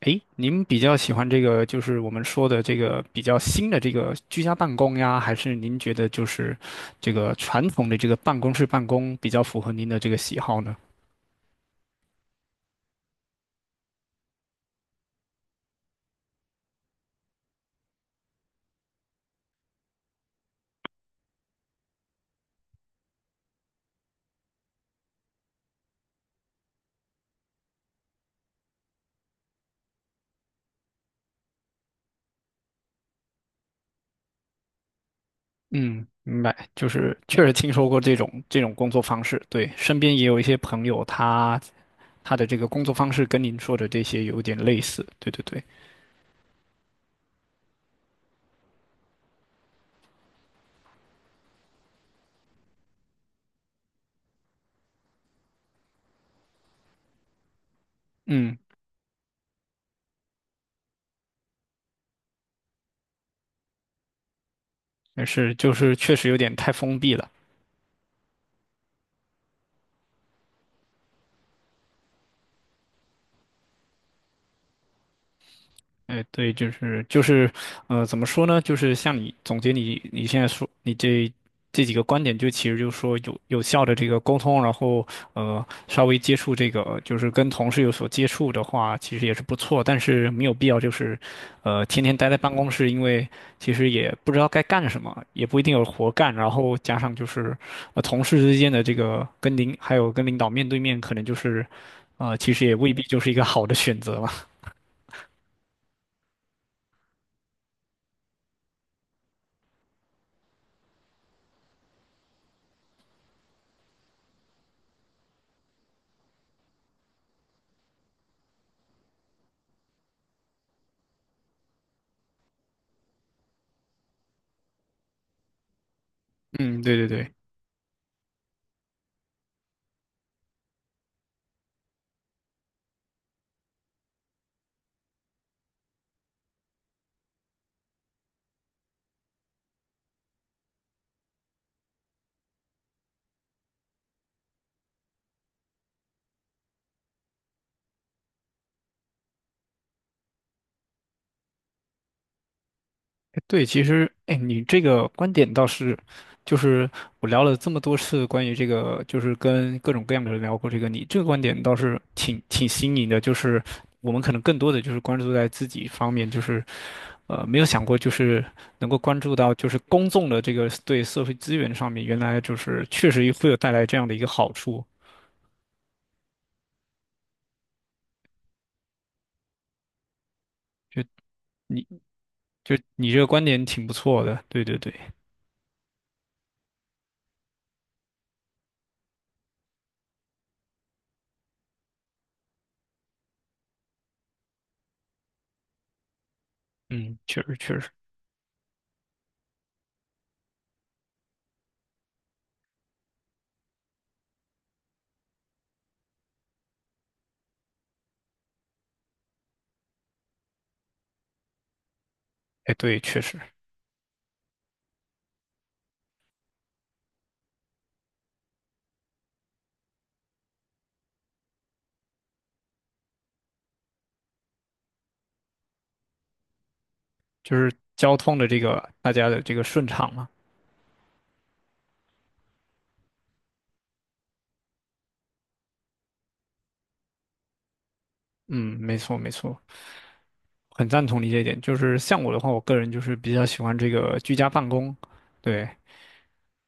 诶，您比较喜欢这个，就是我们说的这个比较新的这个居家办公呀，还是您觉得就是这个传统的这个办公室办公比较符合您的这个喜好呢？嗯，明白，就是确实听说过这种工作方式，对，身边也有一些朋友他的这个工作方式跟您说的这些有点类似，对对对，嗯，但是就是确实有点太封闭了。哎，对，就是就是，怎么说呢？就是像你总结你现在说你这几个观点，就其实就是说有效的这个沟通，然后稍微接触这个就是跟同事有所接触的话，其实也是不错，但是没有必要就是，天天待在办公室，因为其实也不知道该干什么，也不一定有活干，然后加上就是同事之间的这个跟领导面对面，可能就是，其实也未必就是一个好的选择吧。嗯，对对对。哎对，其实，哎，你这个观点倒是，就是我聊了这么多次关于这个，就是跟各种各样的人聊过这个，你这个观点倒是挺新颖的，就是我们可能更多的就是关注在自己方面，就是没有想过就是能够关注到就是公众的这个对社会资源上面，原来就是确实会有带来这样的一个好处，就你就你这个观点挺不错的，对对对，嗯，确实确实，哎，对，确实。就是交通的这个大家的这个顺畅嘛。嗯，没错没错，很赞同你这一点。就是像我的话，我个人就是比较喜欢这个居家办公，对，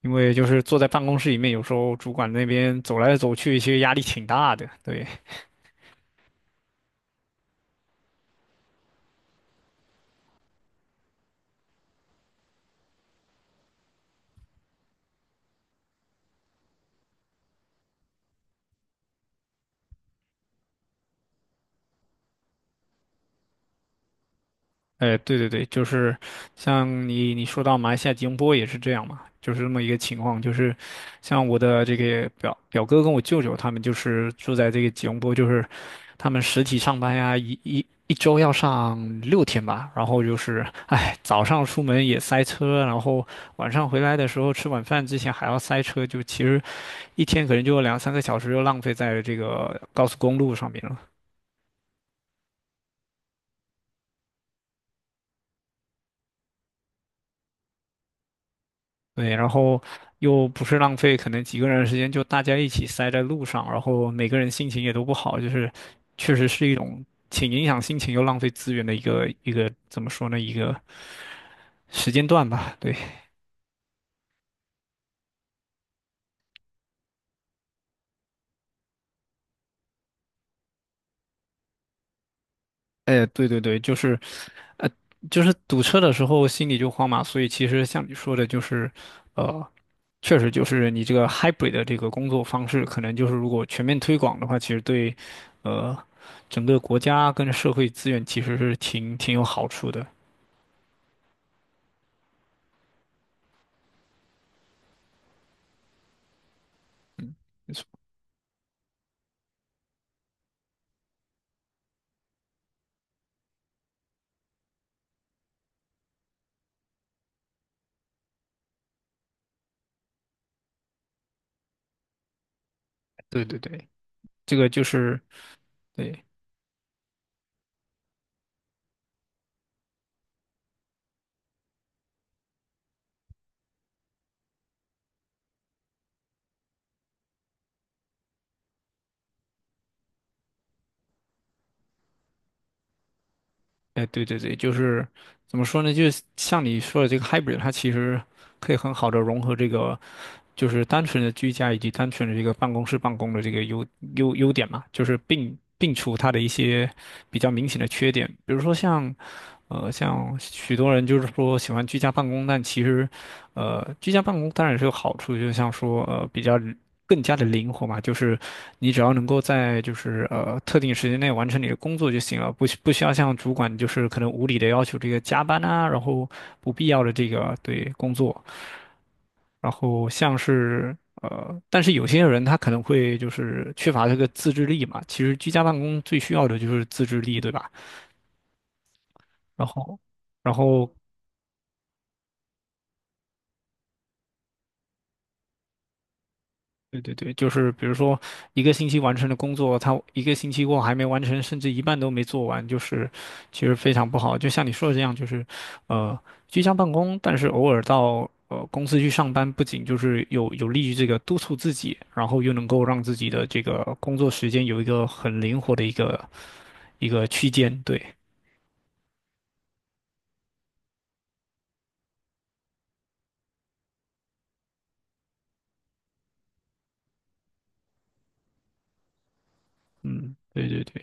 因为就是坐在办公室里面，有时候主管那边走来走去，其实压力挺大的。对，哎，对对对，就是像你说到马来西亚吉隆坡也是这样嘛，就是这么一个情况，就是像我的这个表哥跟我舅舅他们就是住在这个吉隆坡，就是他们实体上班呀，一周要上6天吧，然后就是哎，早上出门也塞车，然后晚上回来的时候吃晚饭之前还要塞车，就其实一天可能就有两三个小时就浪费在这个高速公路上面了。对，然后又不是浪费，可能几个人的时间就大家一起塞在路上，然后每个人心情也都不好，就是确实是一种挺影响心情又浪费资源的一个怎么说呢，一个时间段吧。对。哎，对对对，就是，呃，就是堵车的时候心里就慌嘛，所以其实像你说的，就是，呃，确实就是你这个 hybrid 的这个工作方式，可能就是如果全面推广的话，其实对，呃，整个国家跟社会资源其实是挺有好处的。对对对，这个就是。对，哎，对对对，就是怎么说呢？就是像你说的这个 hybrid，它其实可以很好的融合这个就是单纯的居家以及单纯的这个办公室办公的这个优点嘛，就是并除它的一些比较明显的缺点，比如说像。像许多人就是说喜欢居家办公，但其实，居家办公当然是有好处，就像说比较更加的灵活嘛，就是你只要能够在就是特定时间内完成你的工作就行了，不需要像主管就是可能无理的要求这个加班啊，然后不必要的这个对工作。然后像是但是有些人他可能会就是缺乏这个自制力嘛。其实居家办公最需要的就是自制力，对吧？然后，然后，对对对，就是比如说一个星期完成的工作，他一个星期后还没完成，甚至一半都没做完，就是其实非常不好。就像你说的这样，就是呃居家办公，但是偶尔到。公司去上班不仅就是有利于这个督促自己，然后又能够让自己的这个工作时间有一个很灵活的一个区间，对，嗯，对对对。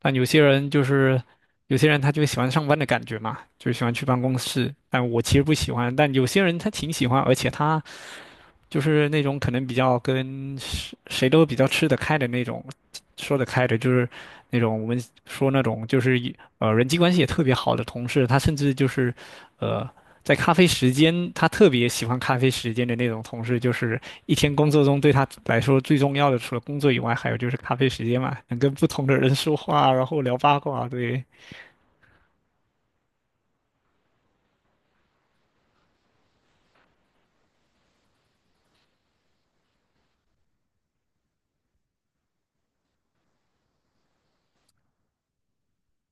但有些人他就喜欢上班的感觉嘛，就喜欢去办公室。但我其实不喜欢，但有些人他挺喜欢，而且他就是那种可能比较跟谁谁都比较吃得开的那种，说得开的，就是那种我们说那种就是人际关系也特别好的同事，他甚至就是呃在咖啡时间，他特别喜欢咖啡时间的那种同事，就是一天工作中对他来说最重要的，除了工作以外，还有就是咖啡时间嘛，能跟不同的人说话，然后聊八卦，对。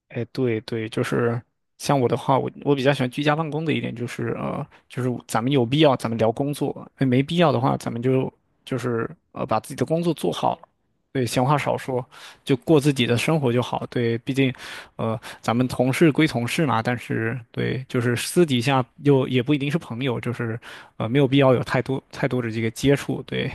哎，对对，就是像我的话，我比较喜欢居家办公的一点就是咱们有必要咱们聊工作，哎，没必要的话，咱们就把自己的工作做好，对，闲话少说，就过自己的生活就好。对，毕竟咱们同事归同事嘛，但是对，就是私底下又也不一定是朋友，就是没有必要有太多太多的这个接触。对，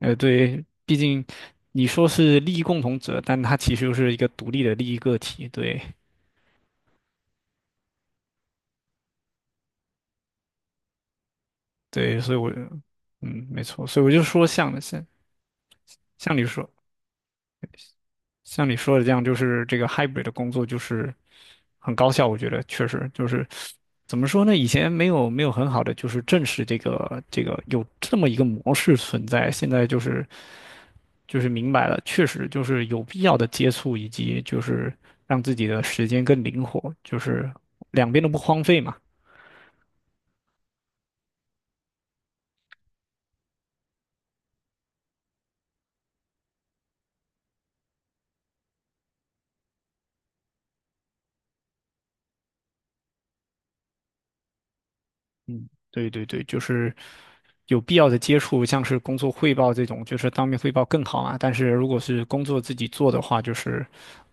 对，毕竟你说是利益共同者，但他其实又是一个独立的利益个体。对。对，所以我，嗯，没错，所以我就说像的像像你说像你说的这样，就是这个 hybrid 的工作就是很高效，我觉得确实就是怎么说呢？以前没有很好的就是正视这个有这么一个模式存在，现在就是明白了，确实就是有必要的接触，以及就是让自己的时间更灵活，就是两边都不荒废嘛。嗯，对对对，就是有必要的接触，像是工作汇报这种，就是当面汇报更好嘛。但是如果是工作自己做的话，就是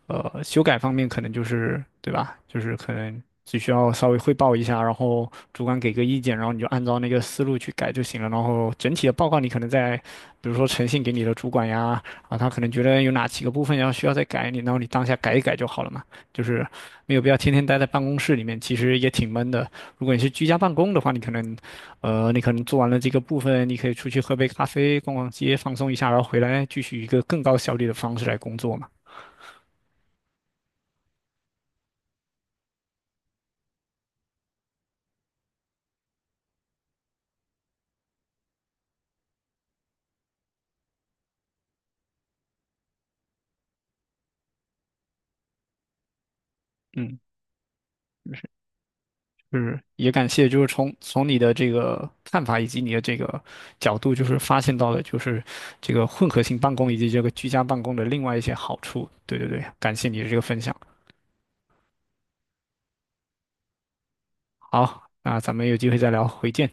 修改方面可能就是对吧？就是可能只需要稍微汇报一下，然后主管给个意见，然后你就按照那个思路去改就行了。然后整体的报告你可能在，比如说呈现给你的主管呀，啊，他可能觉得有哪几个部分需要再改你，然后你当下改一改就好了嘛。就是没有必要天天待在办公室里面，其实也挺闷的。如果你是居家办公的话，你可能做完了这个部分，你可以出去喝杯咖啡、逛逛街、放松一下，然后回来继续一个更高效率的方式来工作嘛。嗯，就是就是也感谢，就是从你的这个看法以及你的这个角度，就是发现到了就是这个混合性办公以及这个居家办公的另外一些好处。对对对，感谢你的这个分享。好，那咱们有机会再聊，回见。